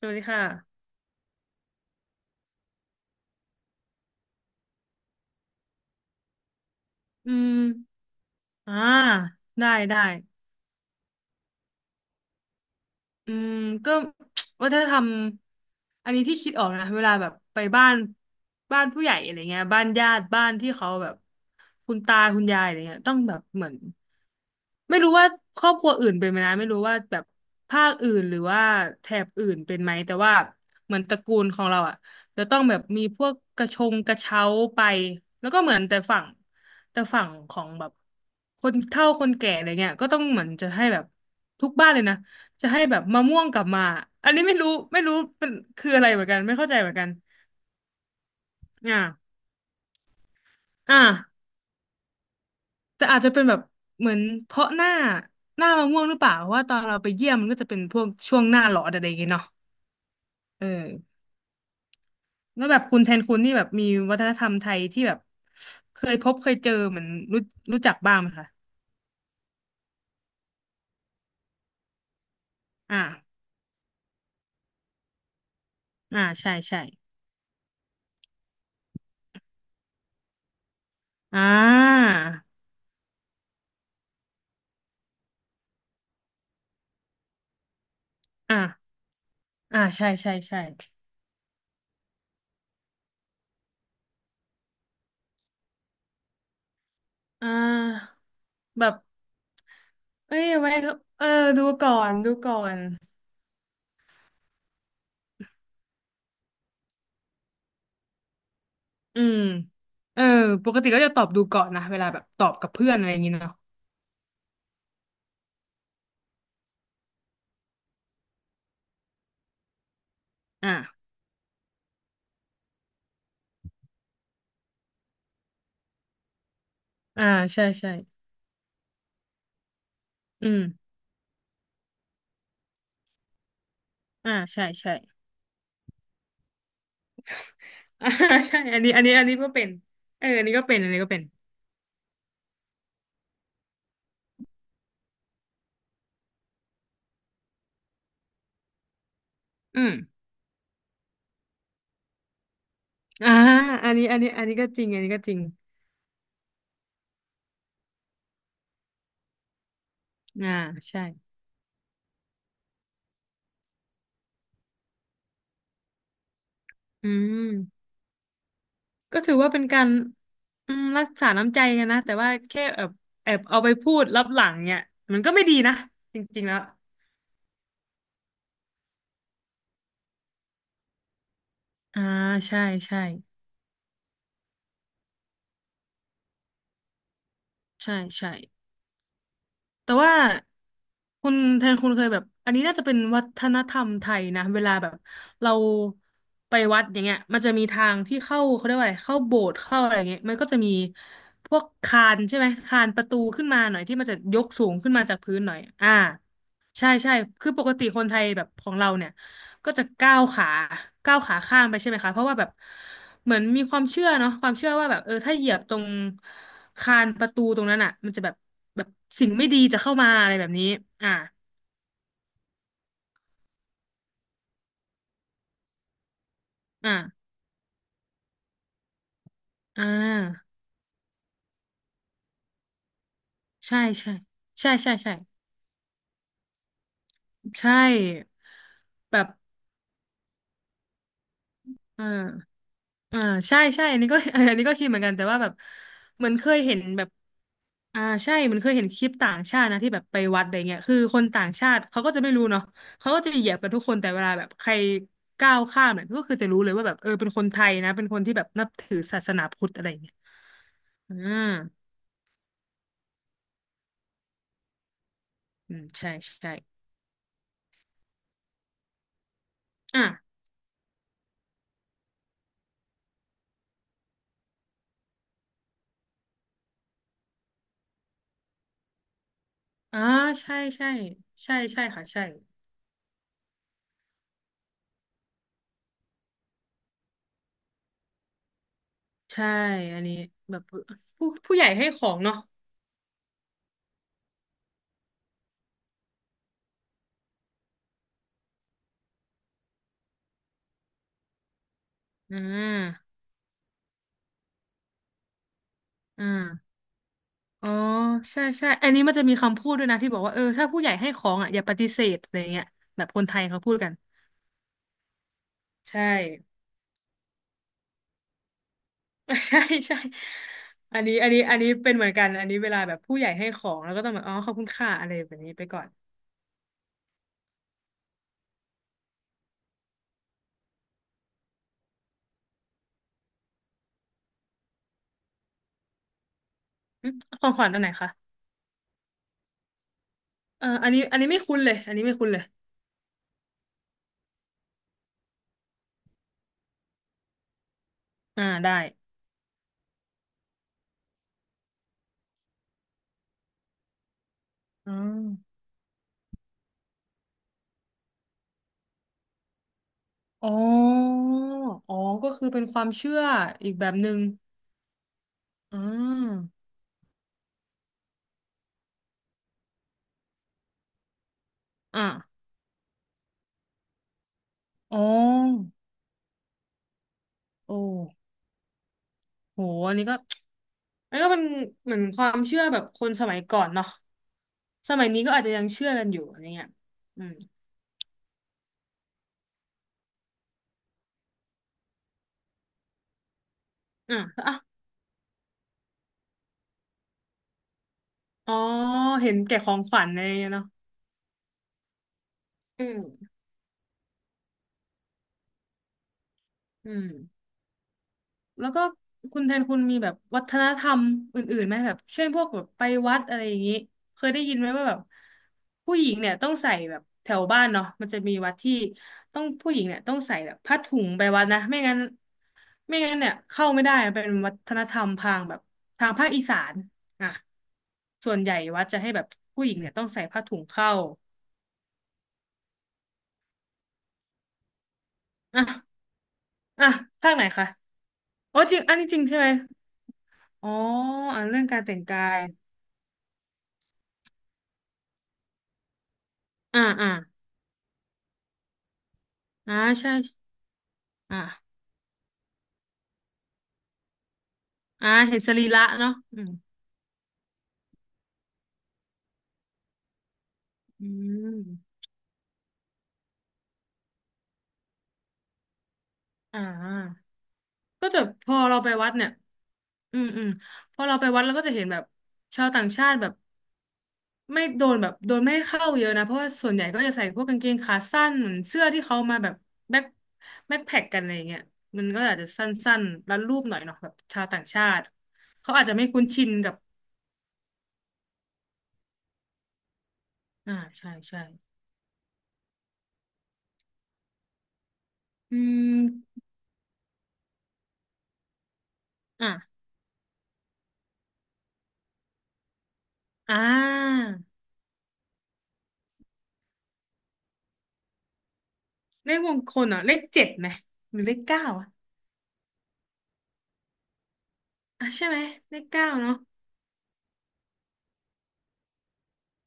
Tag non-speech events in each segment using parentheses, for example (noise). สวัสดีค่ะ อืม อ่าได้ ได้ อืมก็ (tsk) วัฒนธรรมอันนี้ที่คิดออกนะเวลาแบบไปบ้านบ้านผู้ใหญ่อะไรเงี้ยบ้านญาติบ้านที่เขาแบบคุณตาคุณยายอะไรเงี้ยต้องแบบเหมือนไม่รู้ว่าครอบครัวอื่นเป็นไหมนะไม่รู้ว่าแบบภาคอื่นหรือว่าแถบอื่นเป็นไหมแต่ว่าเหมือนตระกูลของเราอ่ะจะต้องแบบมีพวกกระชงกระเช้าไปแล้วก็เหมือนแต่ฝั่งของแบบคนเฒ่าคนแก่อะไรเงี้ยก็ต้องเหมือนจะให้แบบทุกบ้านเลยนะ จะให้แบบมะม่วงกลับมา อันนี้ไม่รู้ไม่รู้เป็นคืออะไรเหมือนกันไม่เข้าใจเหมือนกันอ่าอ่าแต่อาจจะเป็นแบบเหมือนเพราะหน้ามะม่วงหรือเปล่าเพราะว่าตอนเราไปเยี่ยมมันก็จะเป็นพวกช่วงหน้าร้อนอะไรอย่างเงี้ยเนาะเออแล้วแบบคุณแทนคุณนี่แบบมีวัฒนธรรมไทยที่แบบเคยพบเคยเจอเหมือนรู้รู้จักบ้างไหมคะอ่าอ่าใช่ใช่อ่าอ่าอ่าใช่ใช่ใช่อ่าแบบเอ้ยไว้เออดูก่อนดูก่อน อืมเออปกติก็จะตอบดูก่อนนะเวลาแบบตอบกับเพื่อนอะไรอย่างงี้เนาะอ่าอ่าใช่ใช่อืมอ่าใช่ใช่อ่า (laughs) ใช่อันนี้อันนี้อันนี้ก็เป็นเอออันนี้ก็เป็นอันนี้ก็เป็นอืมอ่าอันนี้อันนี้อันนี้ก็จริงอันนี้ก็จริงอ่าใช่อืมก็ถือว่าเป็นการอืมรักษาน้ำใจกันนะแต่ว่าแค่แอบเอาไปพูดลับหลังเนี่ยมันก็ไม่ดีนะจริงๆแล้วอ่าใช่ใช่ใช่ใช่ แต่ว่าคุณแทนคุณเคยแบบอันนี้น่าจะเป็นวัฒนธรรมไทยนะเวลาแบบเราไปวัดอย่างเงี้ยมันจะมีทางที่เข้าเขาเรียกว่าอะไรเข้าโบสถ์เข้าอะไรอย่างเงี้ยมันก็จะมีพวกคานใช่ไหมคานประตูขึ้นมาหน่อยที่มันจะยกสูงขึ้นมาจากพื้นหน่อยอ่า ใช่ใช่คือปกติคนไทยแบบของเราเนี่ยก็จะก้าวขาก้าวขาข้ามไปใช่ไหมคะเพราะว่าแบบเหมือนมีความเชื่อเนาะความเชื่อว่าแบบเออถ้าเหยียบตรงคานประตูตรงนั้นอ่ะมันจะแบบแบบสิ่งไม่ดีจะเข้ามาอะไรแบบนี้อ่าอ่าอ่าใช่ใช่ใช่ใช่ใช่ ใช่ แบบ อ่าอ่าใช่ใช่อันนี้ก็ (laughs) อันนี้ก็คิดเหมือนกันแต่ว่าแบบเหมือนเคยเห็นแบบอ่าใช่เหมันเคยเห็นคลิปต่างชาตินะที่แบบไปวัดอะไรเงี้ยคือคนต่างชาติเขาก็จะไม่รู้เนาะเขาก็จะเหยียบกันทุกคนแต่เวลาแบบใครก้าวข้ามเนี่ยก็คือจะรู้เลยว่าแบบเออเป็นคนไทยนะเป็นคนที่แบบนับถือศาสนาพุทธอะไรเงี้ยอ่าอืมใช่ใช่อ่าอ่าใช่ใช่ใช่ใช่ค่ะใช่ใช่อันนี้แบบผู้ผู้ใหญ่ให้ของเนาะอ่าอ่า อ๋อใช่ใช่อันนี้มันจะมีคำพูดด้วยนะที่บอกว่าเออถ้าผู้ใหญ่ให้ของอ่ะอย่าปฏิเสธอะไรเงี้ยแบบคนไทยเขาพูดกันใช่ (laughs) ใช่ใช่อันนี้อันนี้อันนี้เป็นเหมือนกันอันนี้เวลาแบบผู้ใหญ่ให้ของแล้วก็ต้องแบบอ๋อขอบคุณค่ะอะไรแบบนี้ไปก่อนอืมของขวัญอันไหนคะเอออันนี้อันนี้ไม่คุ้นเลยอันนี้ไม่คุ้นเลยอ่าได้อืมอ๋ออ๋อก็คือเป็นความเชื่ออีกแบบหนึ่งอืมอ่าอ๋อโอ้ โหอันนี้ก็อันนี้ก็เป็นเหมือนความเชื่อแบบคนสมัยก่อนเนาะสมัยนี้ก็อาจจะยังเชื่อกันอยู่อะไรเงี้ยอืมอ่ะอ่ะอ๋อเห็นแก่ของขวัญอะไรเงี้ยเนาะอืมอืม แล้วก็คุณแทนคุณมีแบบวัฒนธรรมอื่นๆไหมแบบเช่นพวกแบบไปวัดอะไรอย่างนี้เคยได้ยินไหมว่าแบบผู้หญิงเนี่ยต้องใส่แบบแถวบ้านเนาะมันจะมีวัดที่ต้องผู้หญิงเนี่ยต้องใส่แบบผ้าถุงไปวัดนะไม่งั้นเนี่ยเข้าไม่ได้เป็นวัฒนธรรมทางแบบทางภาคอีสานอ่ะส่วนใหญ่วัดจะให้แบบผู้หญิงเนี่ยต้องใส่ผ้าถุงเข้าอ่ะอ่ะภาคไหนคะอ๋อจริงอันนี้จริงใช่ไหมอ๋ออ่ะเรื่องการแต่งกายอ่าอ่า อ่าใช่อ่าอ่าเห็นสรีระเนาะอืมอืมอ่าก็จะพอเราไปวัดเนี่ยอืมอืมพอเราไปวัดเราก็จะเห็นแบบชาวต่างชาติแบบไม่โดนแบบโดนไม่ให้เข้าเยอะนะเพราะว่าส่วนใหญ่ก็จะใส่พวกกางเกงขาสั้นเหมือนเสื้อที่เขามาแบบแบ็คแบ็คแพ็คกันอะไรอย่างเงี้ยมันก็อาจจะสั้นๆรัดรูปหน่อยเนาะแบบชาวต่างชาติเขาอาจจะไม่คุ้นชินกับอ่าใช่ใช่อืมอ่ะอ่า เลขมงคลเอ่ะเลขเจ็ดไหมหรือเลขเก้าอ่ะอ่ะใช่ไหมเลขเก้าเนาะ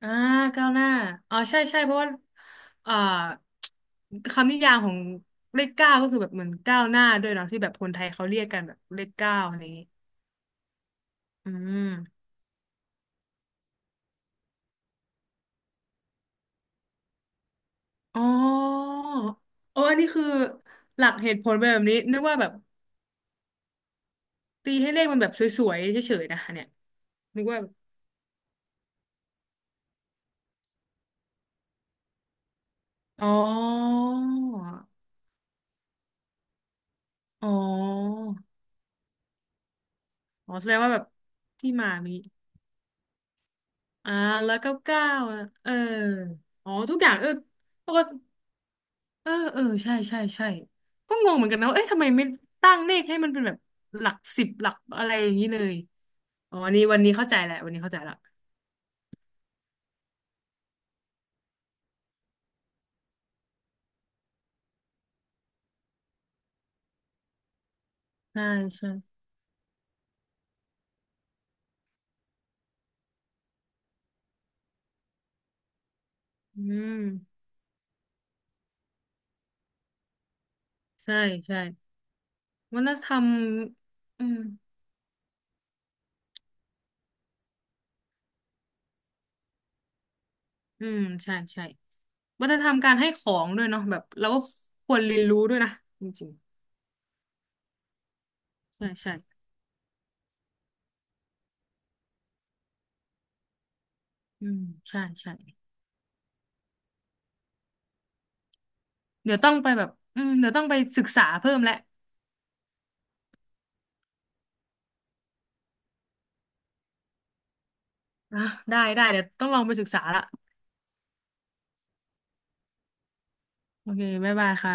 อ่าเก้าวหน้าอ๋อใช่ใช่เพราะว่าอ่าคำนิยามของเลขเก้าก็คือแบบเหมือนก้าวหน้าด้วยเนาะที่แบบคนไทยเขาเรียกกันแบบเลขเก้าอะไรอย่างงี้อืมอ๋อโออันนี้คือหลักเหตุผลเป็นแบบนี้นึกว่าแบบตีให้เลขมันแบบสวยๆเฉยๆนะเนี่ยนึกว่าแบบอ๋ออ๋ออ๋อแสดงว่าแบบที่มามี อ่าแล้วเก้าเก้าเอออ๋อทุกอย่างเออปกติเออเออใช่ใช่ใช่ก็งงเหมือนกันนะว่าเอ๊ะทำไมไม่ตั้งเลขให้มันเป็นแบบหลักสิบหลักอะไรอย่างนี้เลยอ๋อวันนี้วันนี้เข้าใจแหละวันนี้เข้าใจละใช่ใช่อืมใช่ใช่วัฒนธรรมอืมอืมใช่ใช่วัฒนธรรมการให้ของด้วยเนาะแบบเราก็ควรเรียนรู้ด้วยนะจริงๆใช่ใช่อืมใช่ใช่เดี๋ยวต้องไปแบบอืมเดี๋ยวต้องไปศึกษาเพิ่มแหละ อ่ะได้ได้เดี๋ยวต้องลองไปศึกษาละโอเคบ๊ายบายค่ะ